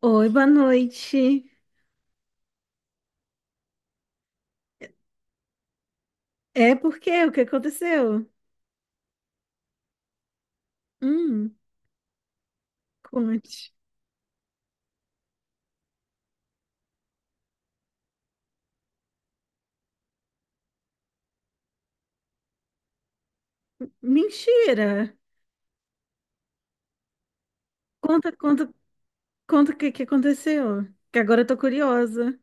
Oi, boa noite. É porque o que aconteceu? Hum, conte. Mentira. Conta, conta, conta o que que aconteceu. Que agora eu tô curiosa.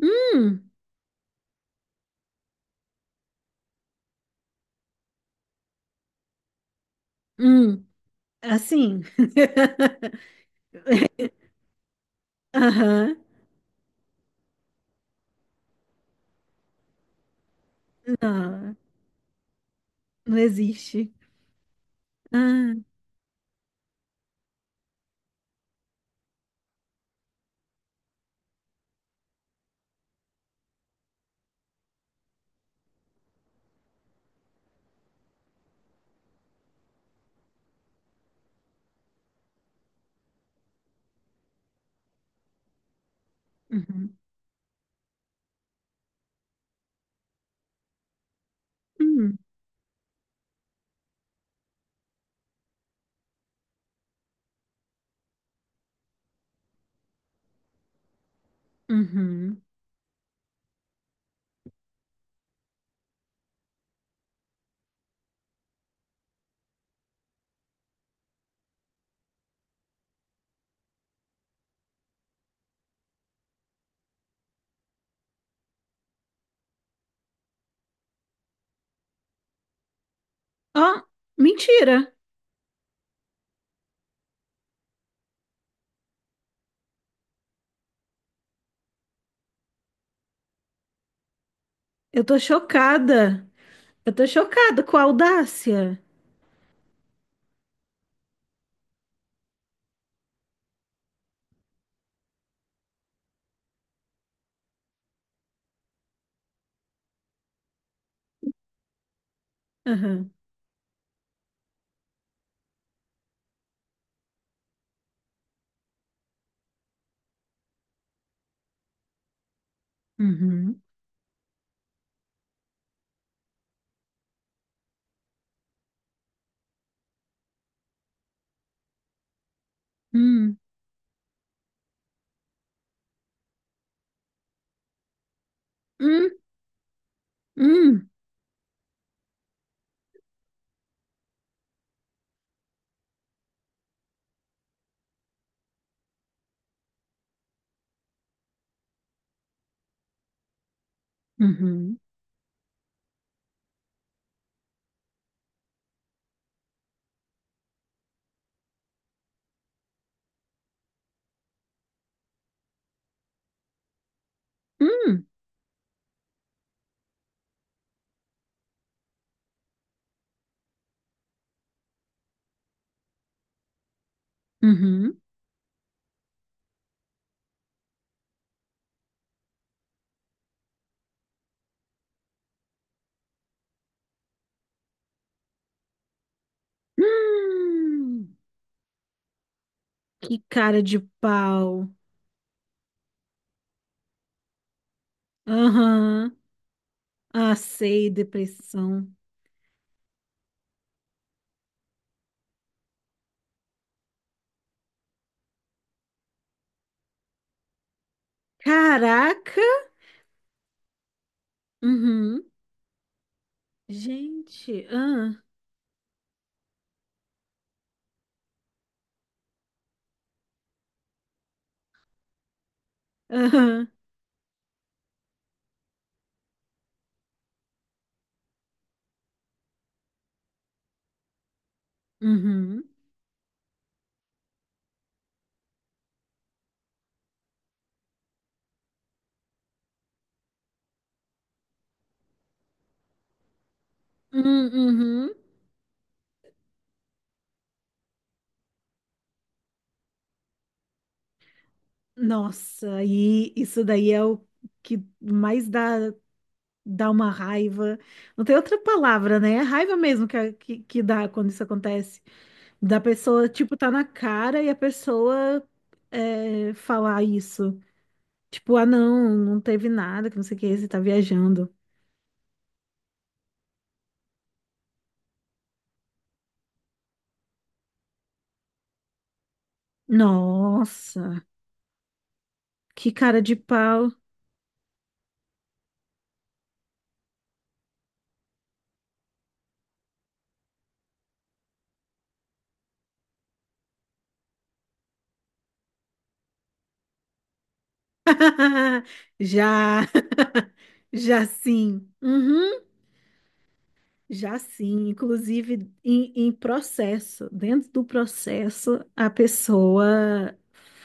Hum, hum, assim. Aham, não, não existe. Ah, uhum, uhum, uhum. Ó, mentira. Eu tô chocada. Eu tô chocada com a audácia. Aham, uhum, hum, hum, hum. Uhum. Hum, uhum. Hum, que cara de pau. Aham. Ah, sei, depressão. Caraca. Uhum. Gente, ah, aham. Uhum. Hum, uhum. Nossa, e isso daí é o que mais dá uma raiva. Não tem outra palavra, né? É raiva mesmo que dá quando isso acontece. Da pessoa, tipo, tá na cara e a pessoa falar isso. Tipo, ah, não, não teve nada, que não sei o que, você tá viajando. Nossa, que cara de pau. Já, já sim. Uhum, já sim. Inclusive, em processo, dentro do processo, a pessoa,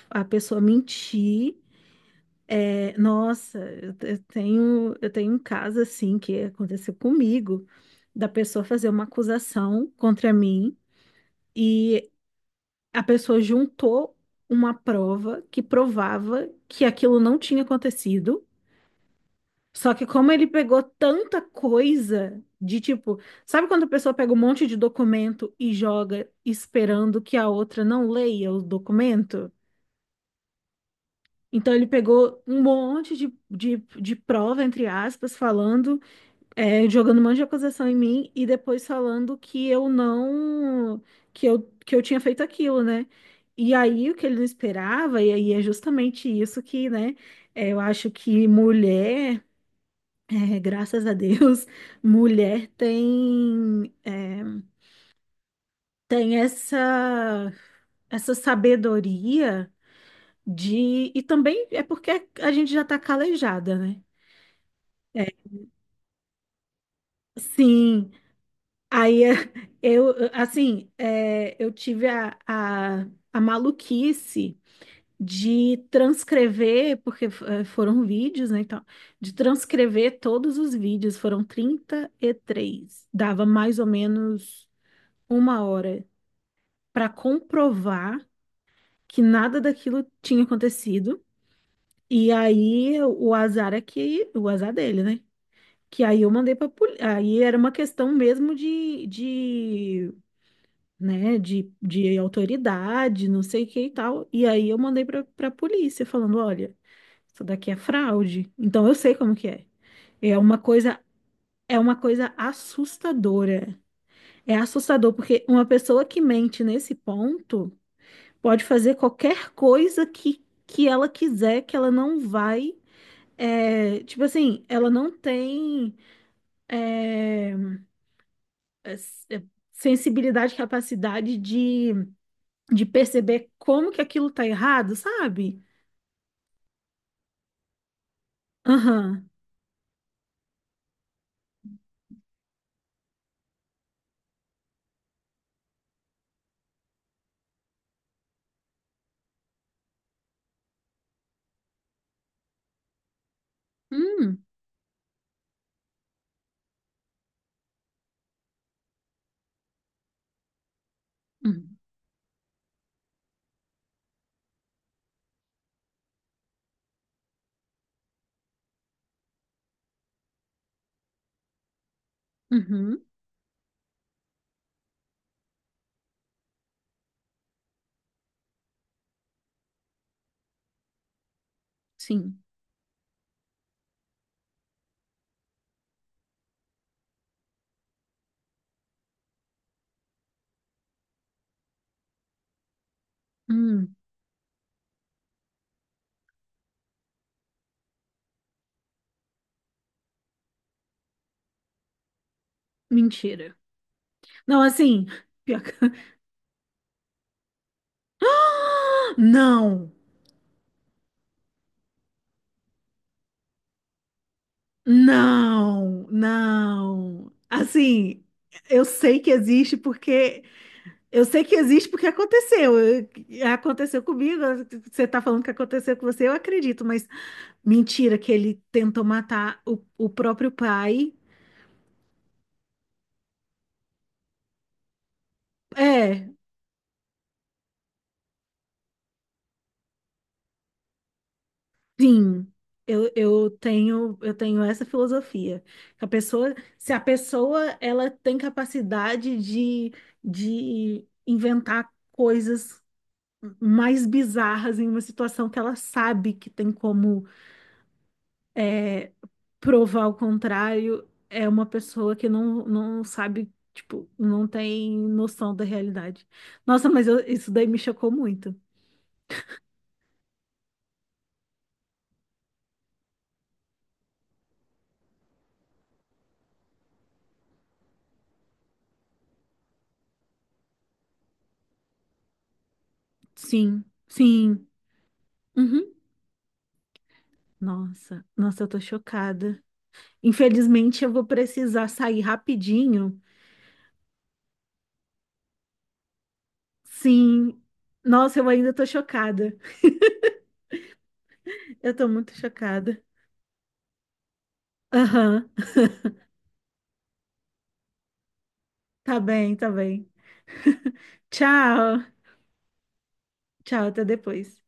a pessoa mentir. É, nossa, eu tenho um caso assim que aconteceu comigo, da pessoa fazer uma acusação contra mim e a pessoa juntou uma prova que provava que aquilo não tinha acontecido. Só que como ele pegou tanta coisa de tipo, sabe quando a pessoa pega um monte de documento e joga esperando que a outra não leia o documento? Então ele pegou um monte de prova, entre aspas, falando. Jogando um monte de acusação em mim e depois falando que eu não, que eu tinha feito aquilo, né? E aí o que ele não esperava, e aí é justamente isso que, né, eu acho que mulher, graças a Deus, mulher tem essa sabedoria de, e também é porque a gente já tá calejada, né? É, sim. Aí eu, assim, eu tive a maluquice de transcrever, porque foram vídeos, né, então, de transcrever todos os vídeos, foram 33 dava mais ou menos uma hora para comprovar que nada daquilo tinha acontecido. E aí o azar é que, o azar dele, né? Que aí eu mandei para aí era uma questão mesmo de né, de autoridade, não sei o que e tal. E aí eu mandei pra polícia falando, olha, isso daqui é fraude. Então eu sei como que é. É uma coisa, é uma coisa assustadora. É assustador porque uma pessoa que mente nesse ponto pode fazer qualquer coisa que ela quiser, que ela não vai. Tipo assim, ela não tem é, é, sensibilidade, capacidade de perceber como que aquilo tá errado, sabe? Aham. Hum, hum, uhum, sim. Hum, mentira. Não, assim, pior que- não, não, não. Assim, eu sei que existe porque eu sei que existe porque aconteceu. Aconteceu comigo, você tá falando que aconteceu com você, eu acredito, mas mentira que ele tentou matar o próprio pai. É. Sim, eu tenho essa filosofia. Se a pessoa ela tem capacidade de inventar coisas mais bizarras em uma situação que ela sabe que tem como é, provar o contrário, é uma pessoa que não sabe, tipo, não tem noção da realidade. Nossa, mas isso daí me chocou muito. Sim, sim. Uhum. Nossa, nossa, eu tô chocada. Infelizmente, eu vou precisar sair rapidinho. Sim. Nossa, eu ainda tô chocada. Eu tô muito chocada. Aham. Tá bem, tá bem. Tchau. Tchau, até depois.